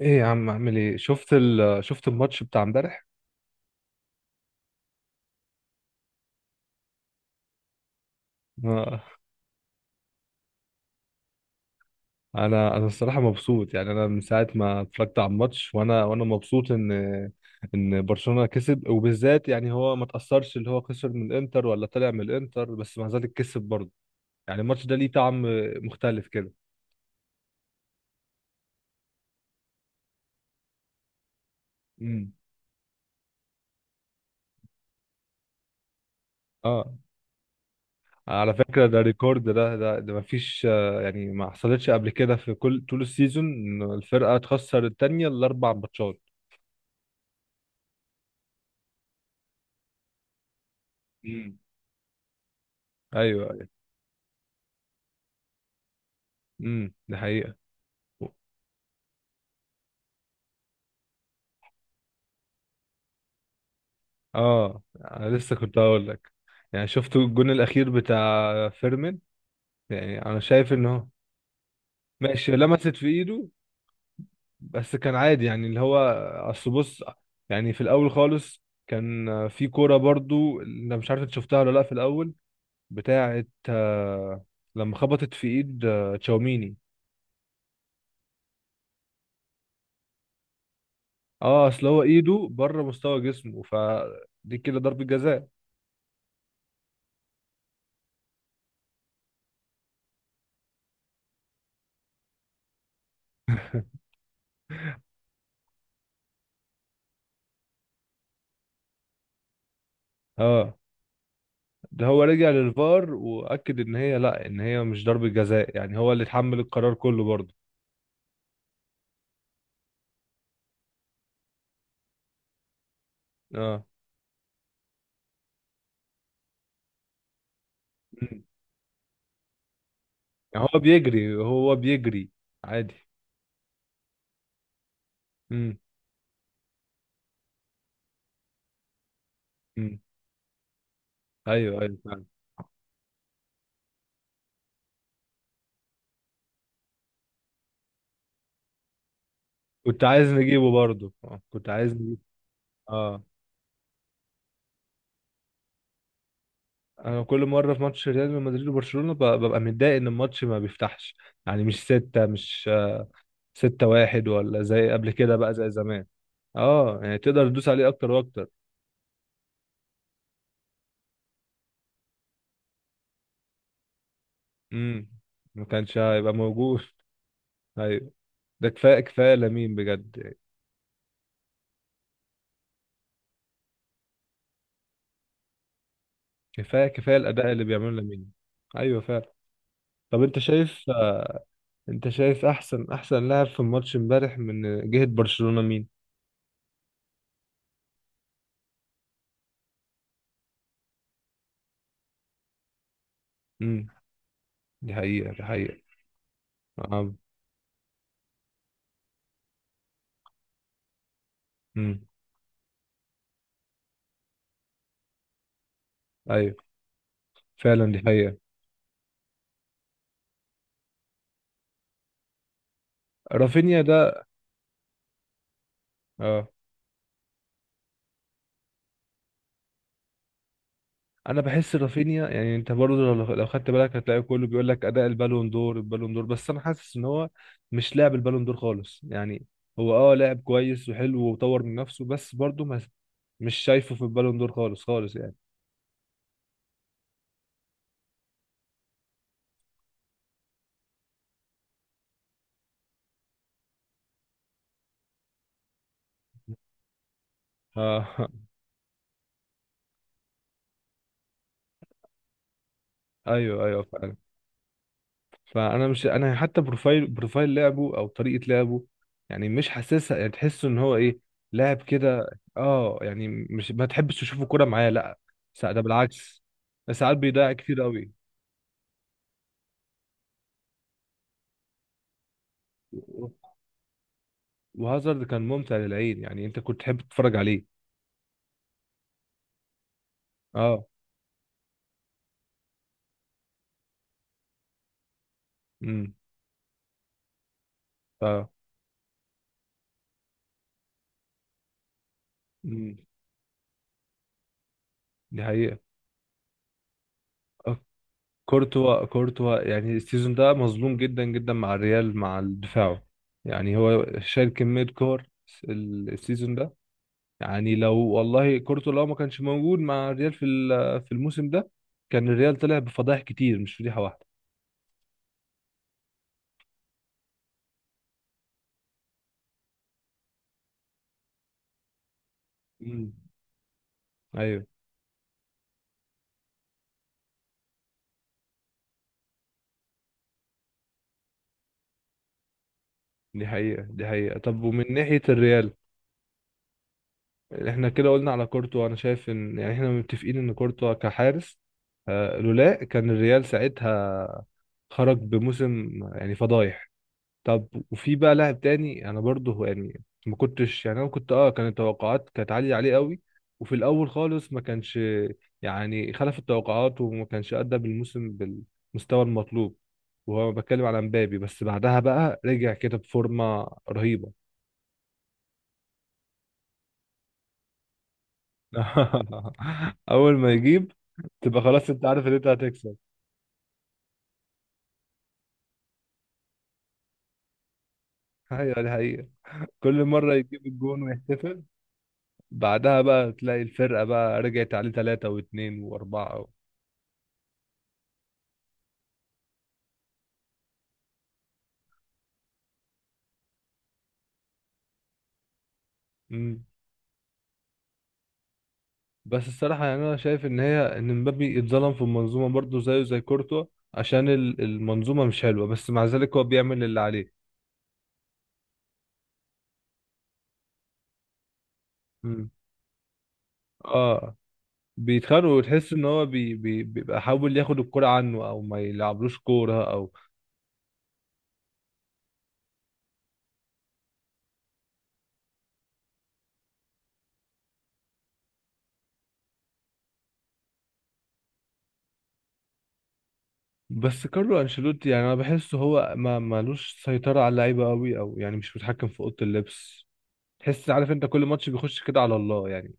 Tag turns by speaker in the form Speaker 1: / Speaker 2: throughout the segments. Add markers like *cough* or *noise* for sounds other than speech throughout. Speaker 1: ايه يا عم، اعمل ايه؟ شفت الماتش بتاع امبارح؟ ما- انا الصراحه مبسوط، يعني انا من ساعه ما اتفرجت على الماتش وانا مبسوط ان برشلونه كسب، وبالذات يعني هو ما تاثرش، اللي هو خسر من الانتر ولا طلع من الانتر، بس مع ذلك كسب برضه. يعني الماتش ده ليه طعم مختلف كده. امم، اه، على فكره ده ريكورد، ده ما فيش، يعني ما حصلتش قبل كده في كل طول السيزون ان الفرقه تخسر التانيه الاربع ماتشات. امم، ايوه ايوه. ده حقيقه. اه، انا لسه كنت هقول لك. يعني شفتوا الجون الاخير بتاع فيرمين؟ يعني انا شايف ان هو ماشي، لمست في ايده، بس كان عادي، يعني اللي هو اصل بص، يعني في الاول خالص كان في كوره برضو، انا مش عارف انت شفتها ولا لا، في الاول بتاعه، لما خبطت في ايد تشاوميني. اه، اصل هو ايده بره مستوى جسمه، فدي كده ضربة جزاء. اه، ده هو رجع للفار واكد ان هي لا، ان هي مش ضربة جزاء، يعني هو اللي اتحمل القرار كله برضه. اه. مم. يعني هو بيجري، هو بيجري عادي. امم، امم، ايوه ايوه فعلا. كنت عايز نجيبه برضه، آه. كنت عايز نجيبه. اه، انا كل مره في ماتش ريال مدريد وبرشلونه ببقى متضايق ان الماتش ما بيفتحش. يعني مش ستة، مش 6-1، ولا زي قبل كده بقى، زي زمان. اه، يعني تقدر تدوس عليه اكتر واكتر. امم ما كانش هيبقى موجود *laughs* ايوه. ده كفايه كفايه لامين بجد يعني. كفايه كفايه الاداء اللي بيعمله لامين. ايوه فعلا. طب، انت شايف احسن احسن لاعب في الماتش امبارح من جهه برشلونه مين؟ امم، دي حقيقه دي حقيقه. امم، ايوه فعلا، دي حقيقه. رافينيا ده، اه، انا بحس رافينيا، يعني انت برضه لو خدت بالك هتلاقي كله بيقول لك اداء البالون دور البالون دور، بس انا حاسس ان هو مش لاعب البالون دور خالص، يعني هو لاعب كويس وحلو وطور من نفسه، بس برضه ما، مش شايفه في البالون دور خالص خالص يعني. ف... *laughs* ايوه ايوه فعلا. فانا مش، انا حتى بروفايل بروفايل لعبه او طريقه لعبه، يعني مش حاسسها، يعني تحسه ان هو ايه، لاعب كده. اه، يعني مش، ما تحبش تشوفه كوره معاه، لا. ده بالعكس. ساعات بيضيع كتير قوي. وهازارد كان ممتع للعين، يعني انت كنت تحب تتفرج عليه. اه. امم ف امم دي حقيقة. آه، كورتوا كورتوا، يعني السيزون ده مظلوم جدا جدا مع الريال، مع دفاعه. يعني هو شال كمية كور السيزون ده. يعني لو والله كورتوا لو ما كانش موجود مع الريال في الموسم ده، كان الريال طلع بفضائح كتير، مش فضيحة واحدة. امم، ايوه، دي حقيقة دي حقيقة. طب، ومن ناحية الريال، احنا كده قلنا على كورتوا. انا شايف ان يعني احنا متفقين ان كورتوا كحارس، لولا كان الريال ساعتها خرج بموسم يعني فضايح. طب، وفي بقى لاعب تاني، انا برضه يعني ما كنتش، يعني انا كنت، كانت التوقعات كانت عالية عليه قوي، وفي الاول خالص ما كانش، يعني خلف التوقعات وما كانش ادى بالموسم بالمستوى المطلوب، وهو بتكلم على مبابي. بس بعدها بقى رجع كده بفورمة رهيبة. *laughs* اول ما يجيب تبقى خلاص، انت عارف ان انت هتكسب. ايوه، دي حقيقة. كل مرة يجيب الجون ويحتفل، بعدها بقى تلاقي الفرقة بقى رجعت عليه ثلاثة واثنين وأربعة مم. بس الصراحة يعني أنا شايف إن مبابي اتظلم في المنظومة برضه، زيه زي كورتوا، عشان المنظومة مش حلوة، بس مع ذلك هو بيعمل اللي عليه. مم. اه، بيتخانقوا وتحس إن هو بيبقى حاول ياخد الكرة عنه أو ما يلعبلوش كورة أو. بس كارلو انشيلوتي، يعني انا بحسه هو ما مالوش سيطرة على اللعيبة قوي، او يعني مش متحكم في اوضة اللبس. تحس عارف انت كل ماتش بيخش كده على الله يعني.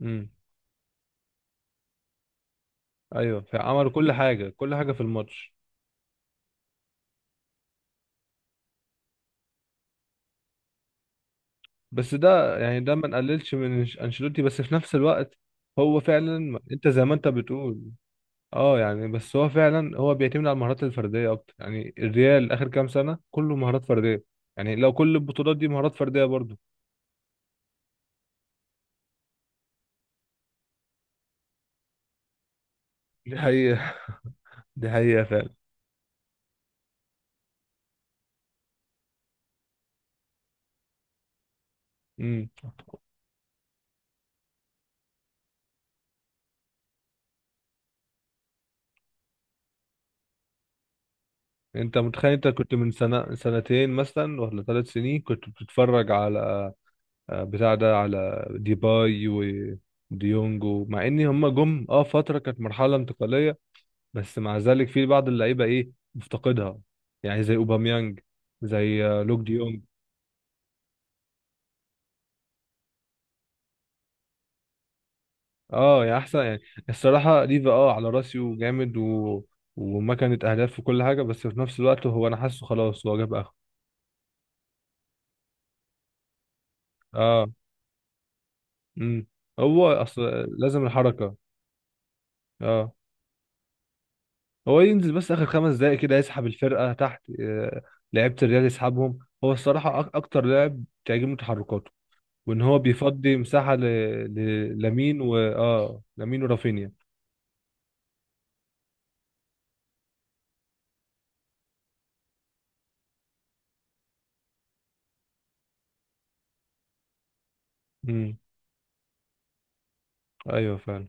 Speaker 1: امم، ايوه، فعملوا كل حاجة كل حاجة في الماتش. بس ده يعني ده ما نقللش من انشيلوتي، بس في نفس الوقت هو فعلا انت زي ما انت بتقول. اه، يعني بس هو فعلا هو بيعتمد على المهارات الفردية اكتر. يعني الريال اخر كام سنة كله مهارات فردية، يعني لو كل البطولات دي مهارات فردية برضه. دي حقيقة. *laughs* دي حقيقة فعلا. انت متخيل انت كنت من سنة سنتين مثلا ولا 3 سنين كنت بتتفرج على بتاع ده، على ديباي وديونج، مع ان هم جم فترة كانت مرحلة انتقالية، بس مع ذلك في بعض اللعيبة ايه مفتقدها، يعني زي اوباميانج، زي لوك ديونج. اه، يعني احسن يعني. الصراحة ليفا على راسي وجامد وما كانت اهداف وكل حاجة، بس في نفس الوقت هو انا حاسه خلاص هو جاب اخره. اه. امم هو اصل، لازم الحركة. اه، هو ينزل بس اخر 5 دقايق كده يسحب الفرقه تحت، لعيبه الريال يسحبهم، هو الصراحه اكتر لاعب تعجبني تحركاته، وان هو بيفضي مساحه ل... ل... لامين و اه لامين ورافينيا. امم، ايوه فعلا.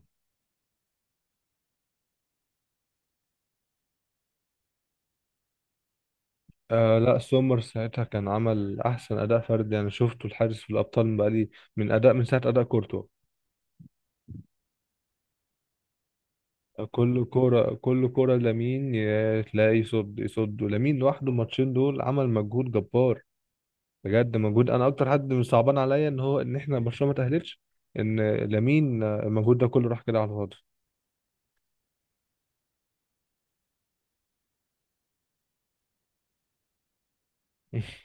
Speaker 1: آه لا، سومر ساعتها كان عمل احسن اداء فردي انا شفته الحارس في الابطال، من بقالي من ساعه اداء كورتوا. كل كرة كل كرة لامين يا تلاقي يصد يصد، ولامين لوحده الماتشين دول عمل مجهود جبار، بجد مجهود. انا اكتر حد صعبان عليا ان احنا برشلونه ما تاهلتش، ان لامين المجهود ده كله راح كده على الفاضي. *laughs*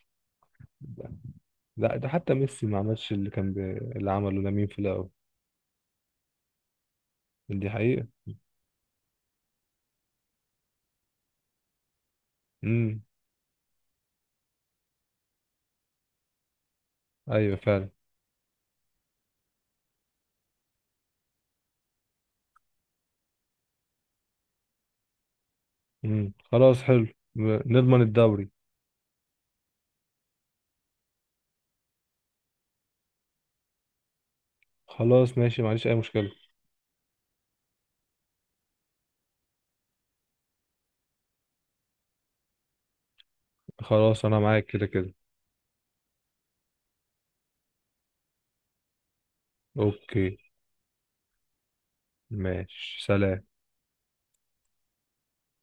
Speaker 1: لا، ده حتى ميسي ما عملش اللي كان اللي عمله لامين في الاول. دي حقيقه. امم، ايوه فعلا. امم، خلاص حلو. نضمن الدوري. خلاص ماشي، معلش، اي مشكله. خلاص انا معاك كده كده. اوكي. ماشي. سلام.